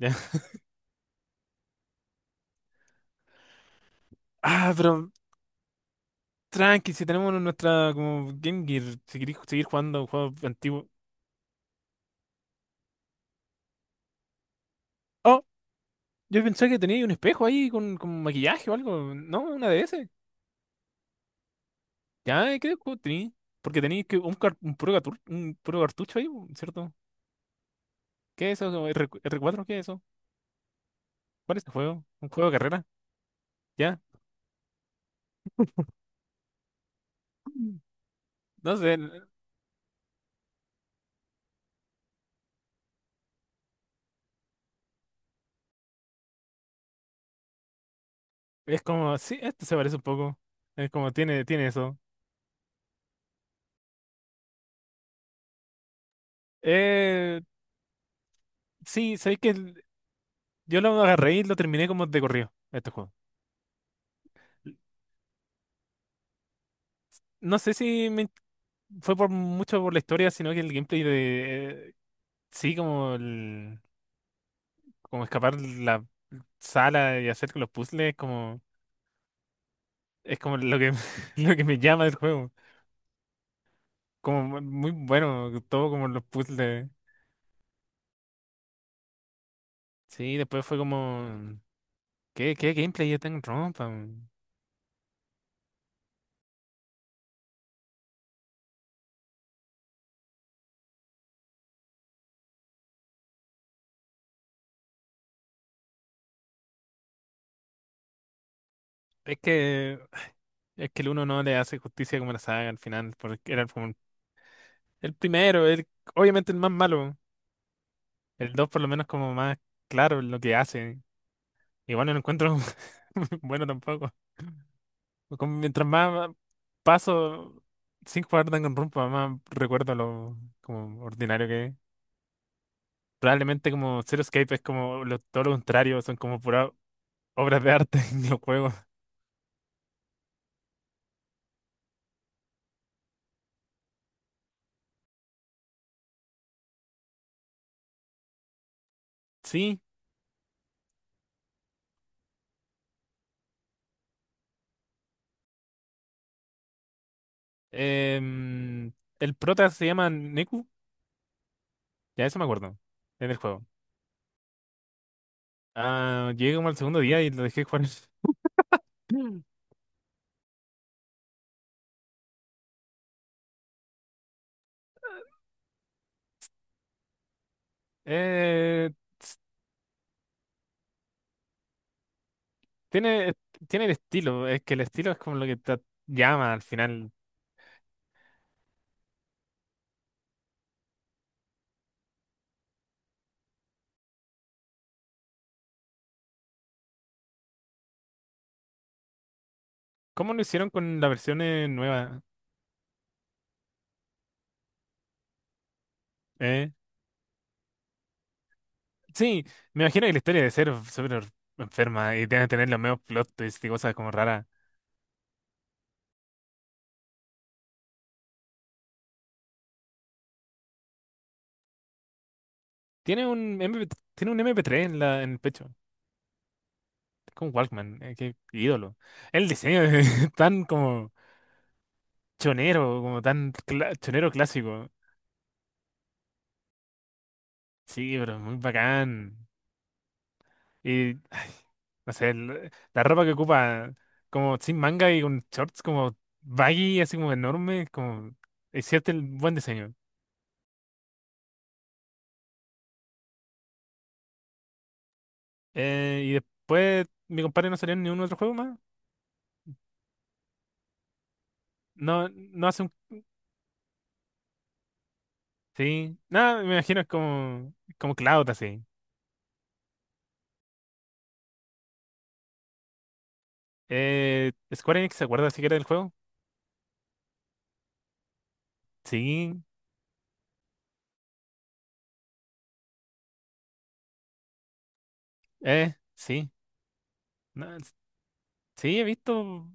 Ya. Ah, pero tranqui, si tenemos nuestra como Game Gear, si queréis seguir jugando juegos antiguos. Oh, yo pensé que tenía un espejo ahí con maquillaje o algo. No, una de ese. Ya, creo que tenía. Porque tenéis que un, car- un, puro gatur- un puro cartucho ahí, ¿cierto? ¿Qué es eso? R4, ¿qué es eso? ¿Cuál es este juego? ¿Un juego de carrera? ¿Ya? Mm. No sé, es como, sí, esto se parece un poco. Es como, tiene eso. Eh, sí, sabéis que yo lo agarré y lo terminé como de corrido, este juego. No sé si fue por mucho por la historia, sino que el gameplay de sí, como escapar la sala y hacer los puzzles, como es como lo que lo que me llama del juego. Como muy bueno, todo como los puzzles. Sí, después fue como qué gameplay es tan rompa, weón? Es que es que el uno no le hace justicia como la saga al final, porque era como el primero, el obviamente el más malo. El dos por lo menos como más claro en lo que hace. Igual no lo encuentro bueno tampoco. Como mientras más paso sin jugar Danganronpa, más recuerdo lo como ordinario que es. Probablemente como Zero Escape es como todo lo contrario, son como puras obras de arte en los juegos. Sí, em, el prota se llama Neku, ya eso me acuerdo, en el juego. Ah, llegué como al segundo día y lo dejé jugar. Mm. Eh, tiene, tiene el estilo, es que el estilo es como lo que te llama al final. ¿Cómo lo hicieron con la versión nueva? ¿Eh? Sí, me imagino que la historia de ser súper enferma y tiene que tener los mismos plot twists y cosas como raras. Tiene un MP, tiene un MP3 en el pecho. Es como un Walkman, qué ídolo. El diseño es tan como chonero, como tan chonero clásico. Sí, pero es muy bacán. Y no sé, la ropa que ocupa como sin manga y con shorts como baggy, así como enorme, como es cierto el buen diseño. Y después mi compadre no salió en ningún otro juego más. No, no hace un... Sí. Nada, me imagino es como Cloud así. Square Enix, ¿se acuerda siquiera del juego? Sí. Sí. No, sí, he visto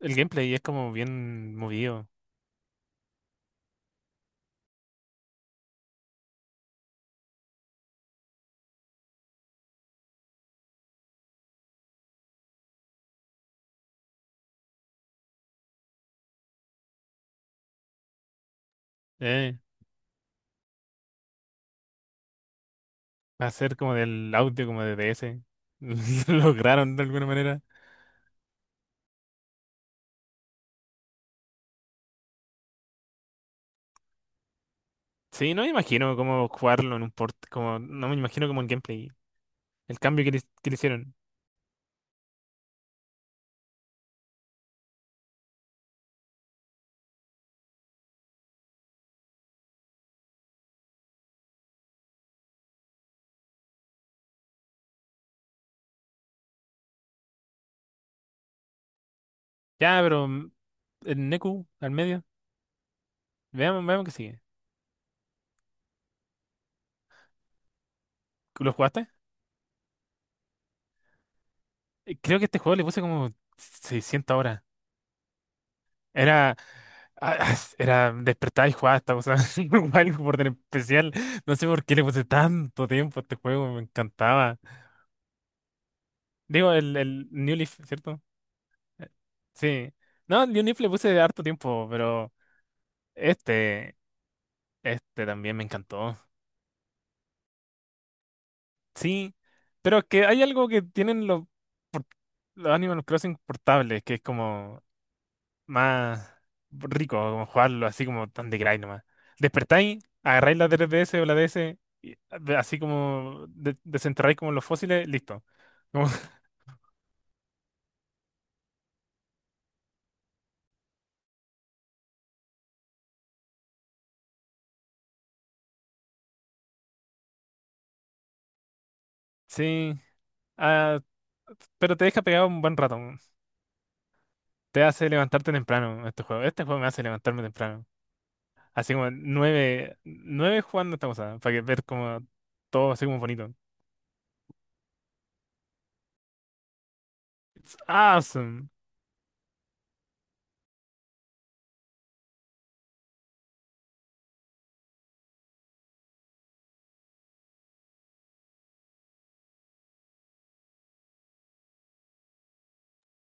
el gameplay y es como bien movido. Eh, Va a ser como del audio, como de DS. Lograron de alguna manera. Sí, no me imagino cómo jugarlo en un port, como, no me imagino como el gameplay, el cambio que le hicieron. Ya, pero el Neku al medio. Veamos, veamos qué sigue. ¿Lo jugaste? Creo que este juego le puse como 600 horas. Era, Era despertar y jugar esta cosa. Algo por tener especial. No sé por qué le puse tanto tiempo a este juego. Me encantaba. Digo, el New Leaf, ¿cierto? Eh, Sí. No, el New Leaf le puse harto tiempo, pero este, este también me encantó. Sí. Pero es que hay algo que tienen por- los Animal Crossing portables, que es como más rico, como jugarlo así como tan de grind nomás. Despertáis, agarráis la 3DS o la DS, y así como desenterráis como los fósiles, listo. Como- sí, ah, pero te deja pegado un buen rato. Te hace levantarte temprano este juego. Este juego me hace levantarme temprano. Así como nueve, nueve jugando esta cosa, para que ver como todo así como bonito. Awesome.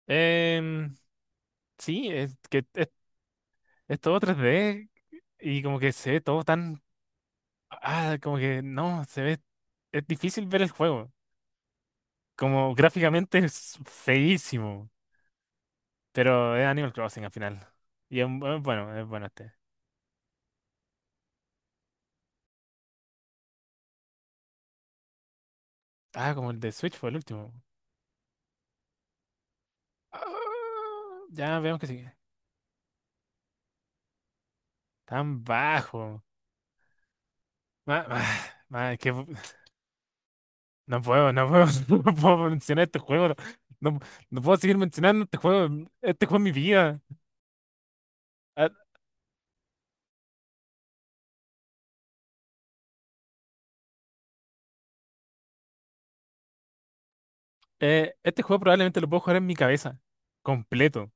Em, sí, es que es todo 3D y como que se ve todo tan. Ah, como que no, se ve. Es difícil ver el juego. Como gráficamente es feísimo. Pero es Animal Crossing al final. Y es bueno este. Ah, como el de Switch fue el último. Ah, ya vemos que sigue. Tan bajo. Ma- ma- es que no puedo, no puedo, no puedo mencionar este juego. No, no puedo seguir mencionando este juego. Este juego es mi vida. Ah, este juego probablemente lo puedo jugar en mi cabeza. Completo.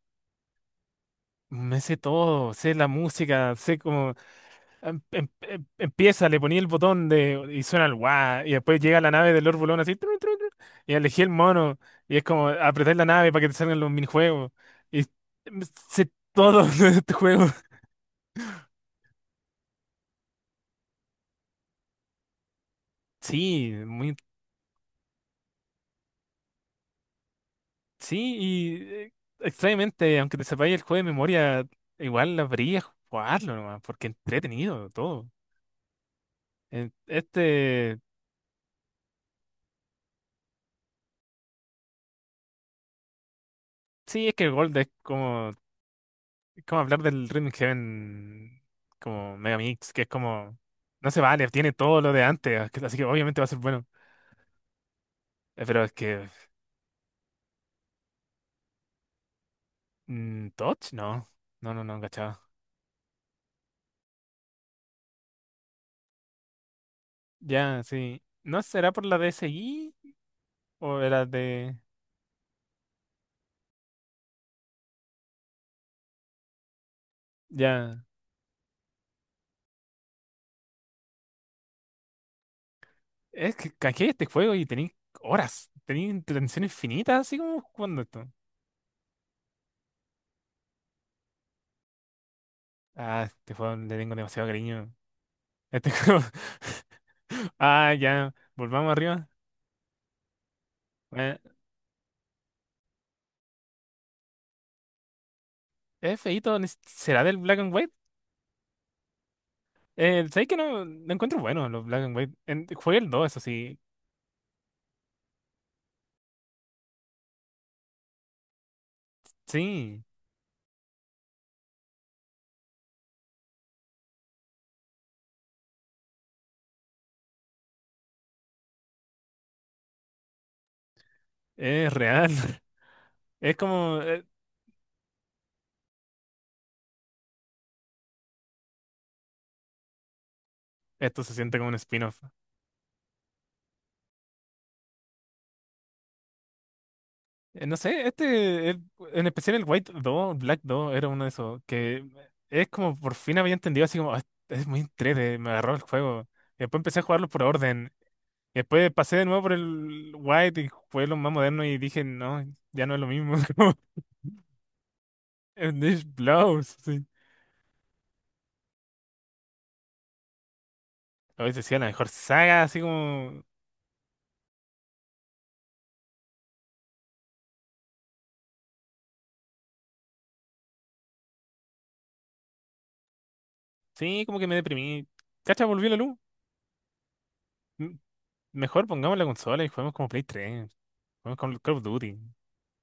Me sé todo, sé la música, sé cómo empieza, le ponía el botón de y suena el guau, y después llega la nave del Lord Bolón así, tru, tru, tru, y elegí el mono, y es como apretar la nave para que te salgan los minijuegos. Y me sé todo de este juego. Sí, muy, sí, y extrañamente, aunque te sepáis el juego de memoria, igual habría jugarlo nomás, porque entretenido todo. Este, sí, es que el Gold es como. Es como hablar del Rhythm Heaven como Megamix, que es como. No se vale, tiene todo lo de antes, así que obviamente va a ser bueno. Pero es que. Mm, ¿Touch? No. No, no, no, cachaba. Ya, sí. ¿No será por la DS DSi? ¿O era de? Ya. Es que canjeé este juego y tenéis horas. Tenéis intención infinita, así como jugando esto. Ah, este juego le tengo demasiado cariño. Este juego. Ah, ya. Volvamos arriba. Eh, es feíto, ¿será del Black and White? ¿Sabes que no? Lo encuentro bueno, los Black and White. Jugué el 2 eso sí. Sí, es real. Es como, esto se siente como un spin-off. No sé, este, en especial el White 2 Black 2 era uno de esos que... Es como por fin había entendido así como... "Ah, es, muy entrete, me agarró el juego. Y después empecé a jugarlo por orden. Y después pasé de nuevo por el White y jugué lo más moderno y dije, no, ya no es lo mismo. Como, Dish Blows, sí. A veces sí, la mejor saga, así como. Sí, como que me deprimí. Cacha, volvió la luz. M- Mejor pongamos la consola y juguemos como Play 3. Juguemos con Call of Duty.